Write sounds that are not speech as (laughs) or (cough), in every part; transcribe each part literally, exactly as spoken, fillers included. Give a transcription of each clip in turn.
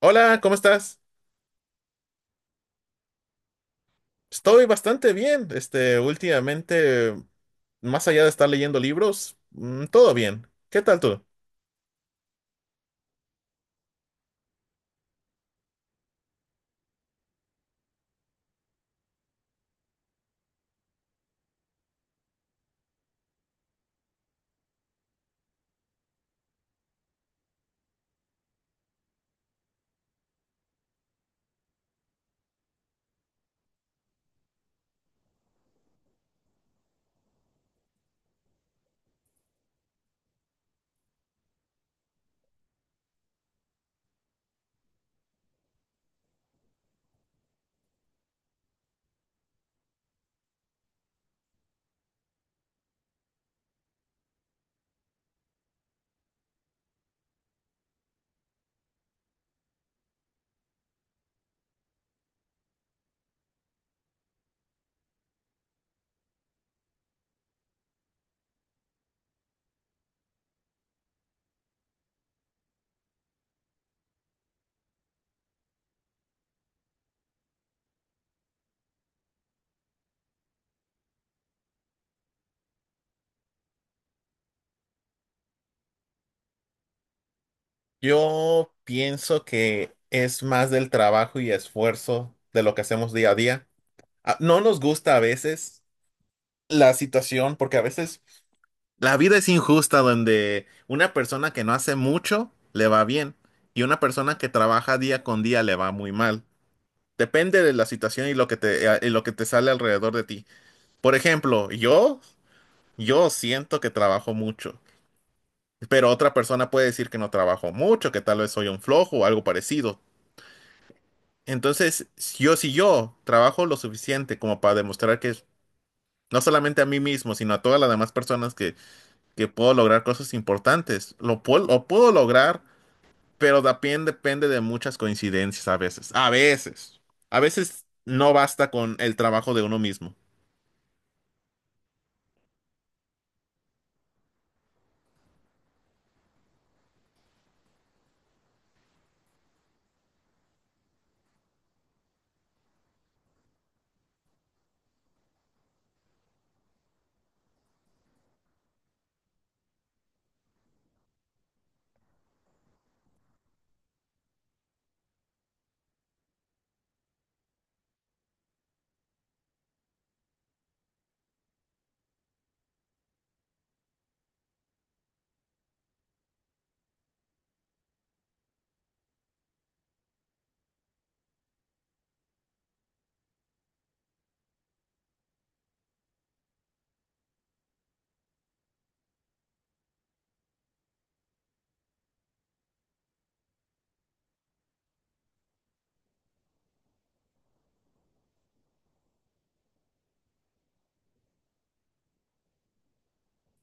Hola, ¿cómo estás? Estoy bastante bien. Este, últimamente, más allá de estar leyendo libros, mm, todo bien. ¿Qué tal tú? Yo pienso que es más del trabajo y esfuerzo de lo que hacemos día a día. Ah, no nos gusta a veces la situación porque a veces la vida es injusta donde una persona que no hace mucho le va bien y una persona que trabaja día con día le va muy mal. Depende de la situación y lo que te, y lo que te sale alrededor de ti. Por ejemplo, yo, yo siento que trabajo mucho, pero otra persona puede decir que no trabajo mucho, que tal vez soy un flojo o algo parecido. Entonces, si yo si yo trabajo lo suficiente como para demostrar que no solamente a mí mismo, sino a todas las demás personas que, que puedo lograr cosas importantes, lo puedo, lo puedo lograr, pero también depende de muchas coincidencias a veces. A veces. A veces no basta con el trabajo de uno mismo.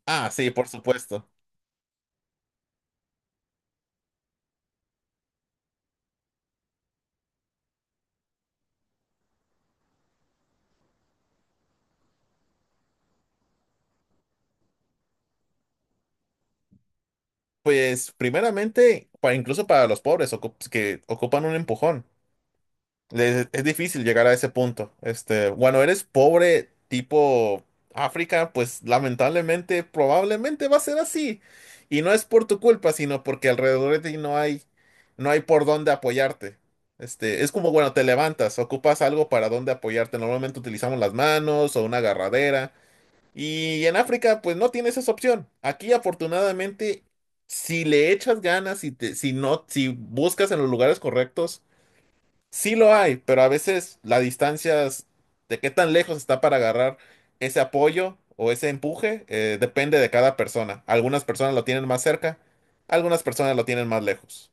Ah, sí, por supuesto. Pues primeramente, para, incluso para los pobres ocup- que ocupan un empujón, les- es difícil llegar a ese punto. Este, bueno, eres pobre tipo África, pues lamentablemente probablemente va a ser así. Y no es por tu culpa, sino porque alrededor de ti no hay, no hay por dónde apoyarte. Este, es como, bueno, te levantas, ocupas algo para dónde apoyarte. Normalmente utilizamos las manos o una agarradera. Y en África, pues no tienes esa opción. Aquí, afortunadamente, si le echas ganas, si te- si no, si buscas en los lugares correctos, sí lo hay, pero a veces la distancia es- de qué tan lejos está para agarrar ese apoyo o ese empuje, eh, depende de cada persona. Algunas personas lo tienen más cerca, algunas personas lo tienen más lejos.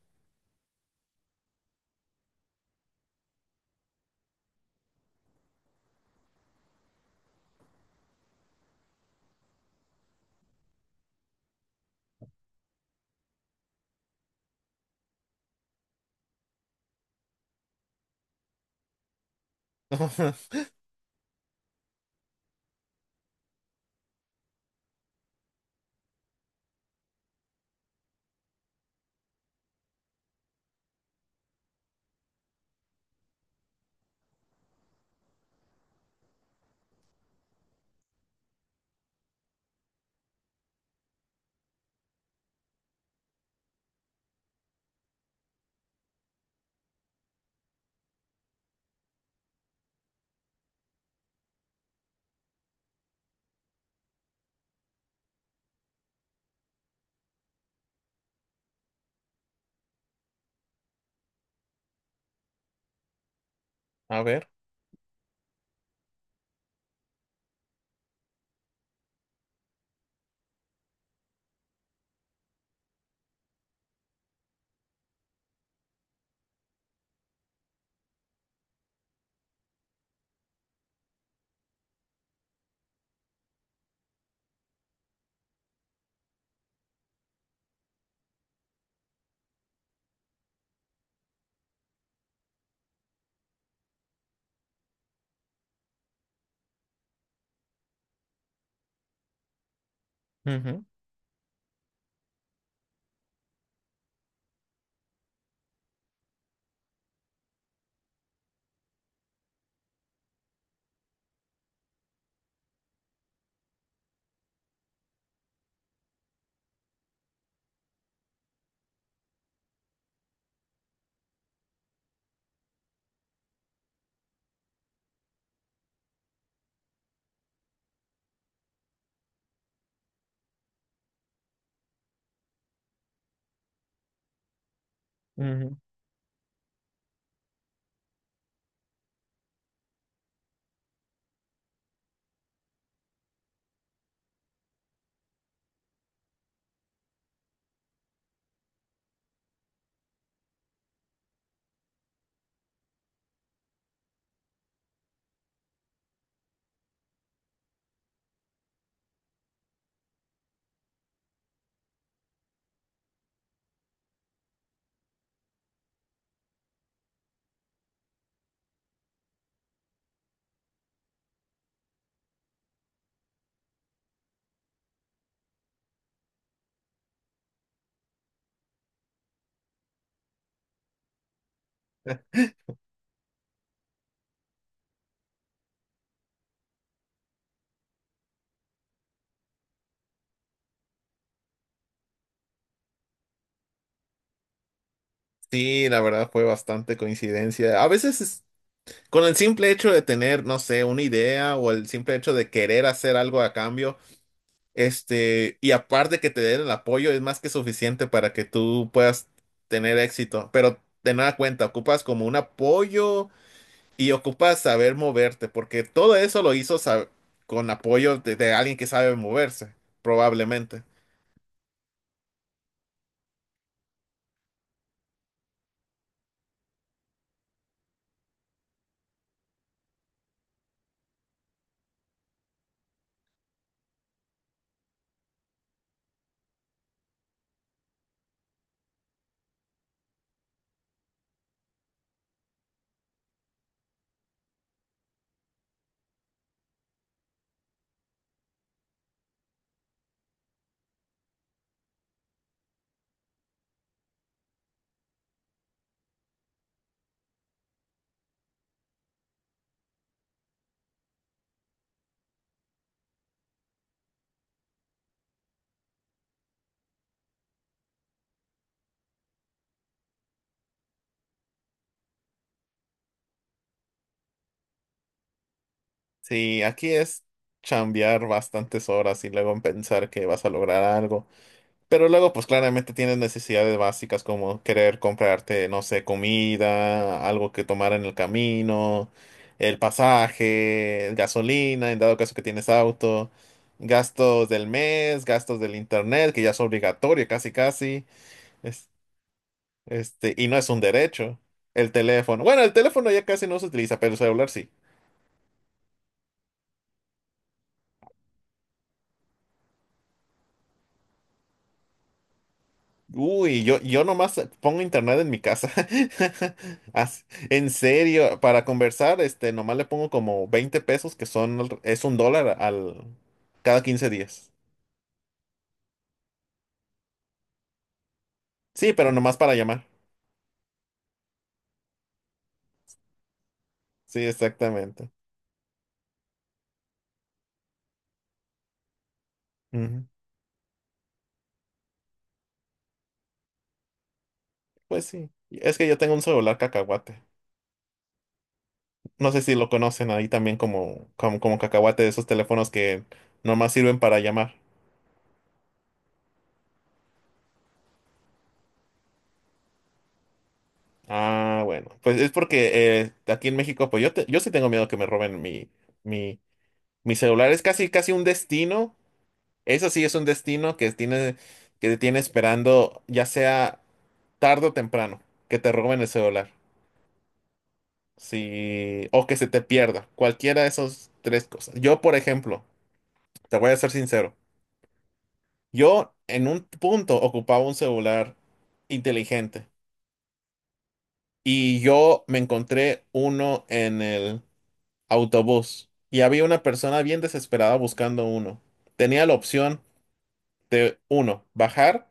(laughs) A ver. Ujú, ujú. Sí, la verdad fue bastante coincidencia. A veces, con el simple hecho de tener, no sé, una idea o el simple hecho de querer hacer algo a cambio, este, y aparte que te den el apoyo, es más que suficiente para que tú puedas tener éxito. Pero de nada cuenta, ocupas como un apoyo y ocupas saber moverte, porque todo eso lo hizo sa- con apoyo de, de alguien que sabe moverse, probablemente. Sí, aquí es chambear bastantes horas y luego pensar que vas a lograr algo. Pero luego, pues claramente tienes necesidades básicas como querer comprarte, no sé, comida, algo que tomar en el camino, el pasaje, gasolina, en dado caso que tienes auto, gastos del mes, gastos del internet, que ya es obligatorio casi casi, es- este, y no es un derecho. El teléfono, bueno, el teléfono ya casi no se utiliza, pero el celular sí. Uy, yo, yo nomás pongo internet en mi casa. (laughs) As- En serio, para conversar, este, nomás le pongo como veinte pesos, que son, al- es un dólar al, cada quince días. Sí, pero nomás para llamar. Sí, exactamente. Ujú. Pues sí, es que yo tengo un celular cacahuate. No sé si lo conocen ahí también como, como, como cacahuate de esos teléfonos que nomás sirven para llamar. Ah, bueno, pues es porque eh, aquí en México, pues yo, te- yo sí tengo miedo que me roben mi mi... Mi celular es casi, casi un destino. Eso sí es un destino que tiene, que te tiene esperando, ya sea tarde o temprano, que te roben el celular. Sí, o que se te pierda. Cualquiera de esas tres cosas. Yo, por ejemplo, te voy a ser sincero. Yo en un punto ocupaba un celular inteligente y yo me encontré uno en el autobús y había una persona bien desesperada buscando uno. Tenía la opción de uno, bajar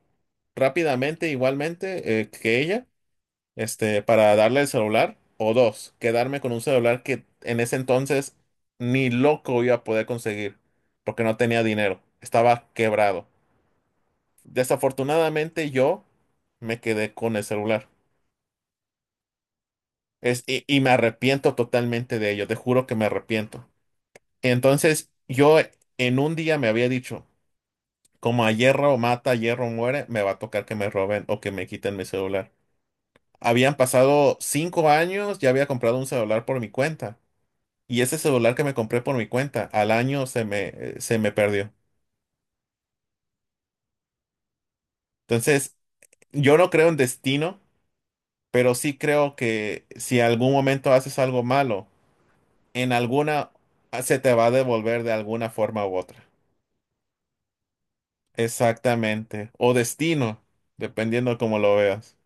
rápidamente, igualmente eh, que ella, este, para darle el celular, o dos, quedarme con un celular que en ese entonces ni loco iba a poder conseguir, porque no tenía dinero, estaba quebrado. Desafortunadamente yo me quedé con el celular. Es, y, y me arrepiento totalmente de ello, te juro que me arrepiento. Entonces yo en un día me había dicho, como a hierro mata, hierro muere, me va a tocar que me roben o que me quiten mi celular. Habían pasado cinco años, ya había comprado un celular por mi cuenta. Y ese celular que me compré por mi cuenta, al año se me, eh, se me perdió. Entonces, yo no creo en destino, pero sí creo que si algún momento haces algo malo, en alguna ah, se te va a devolver de alguna forma u otra. Exactamente. O destino, dependiendo cómo lo veas.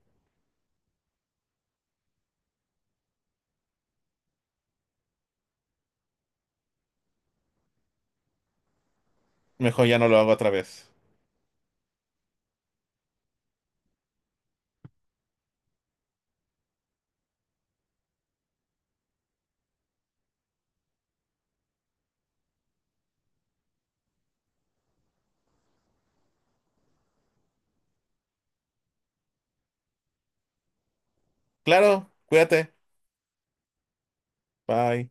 Mejor ya no lo hago otra vez. Claro, cuídate. Bye.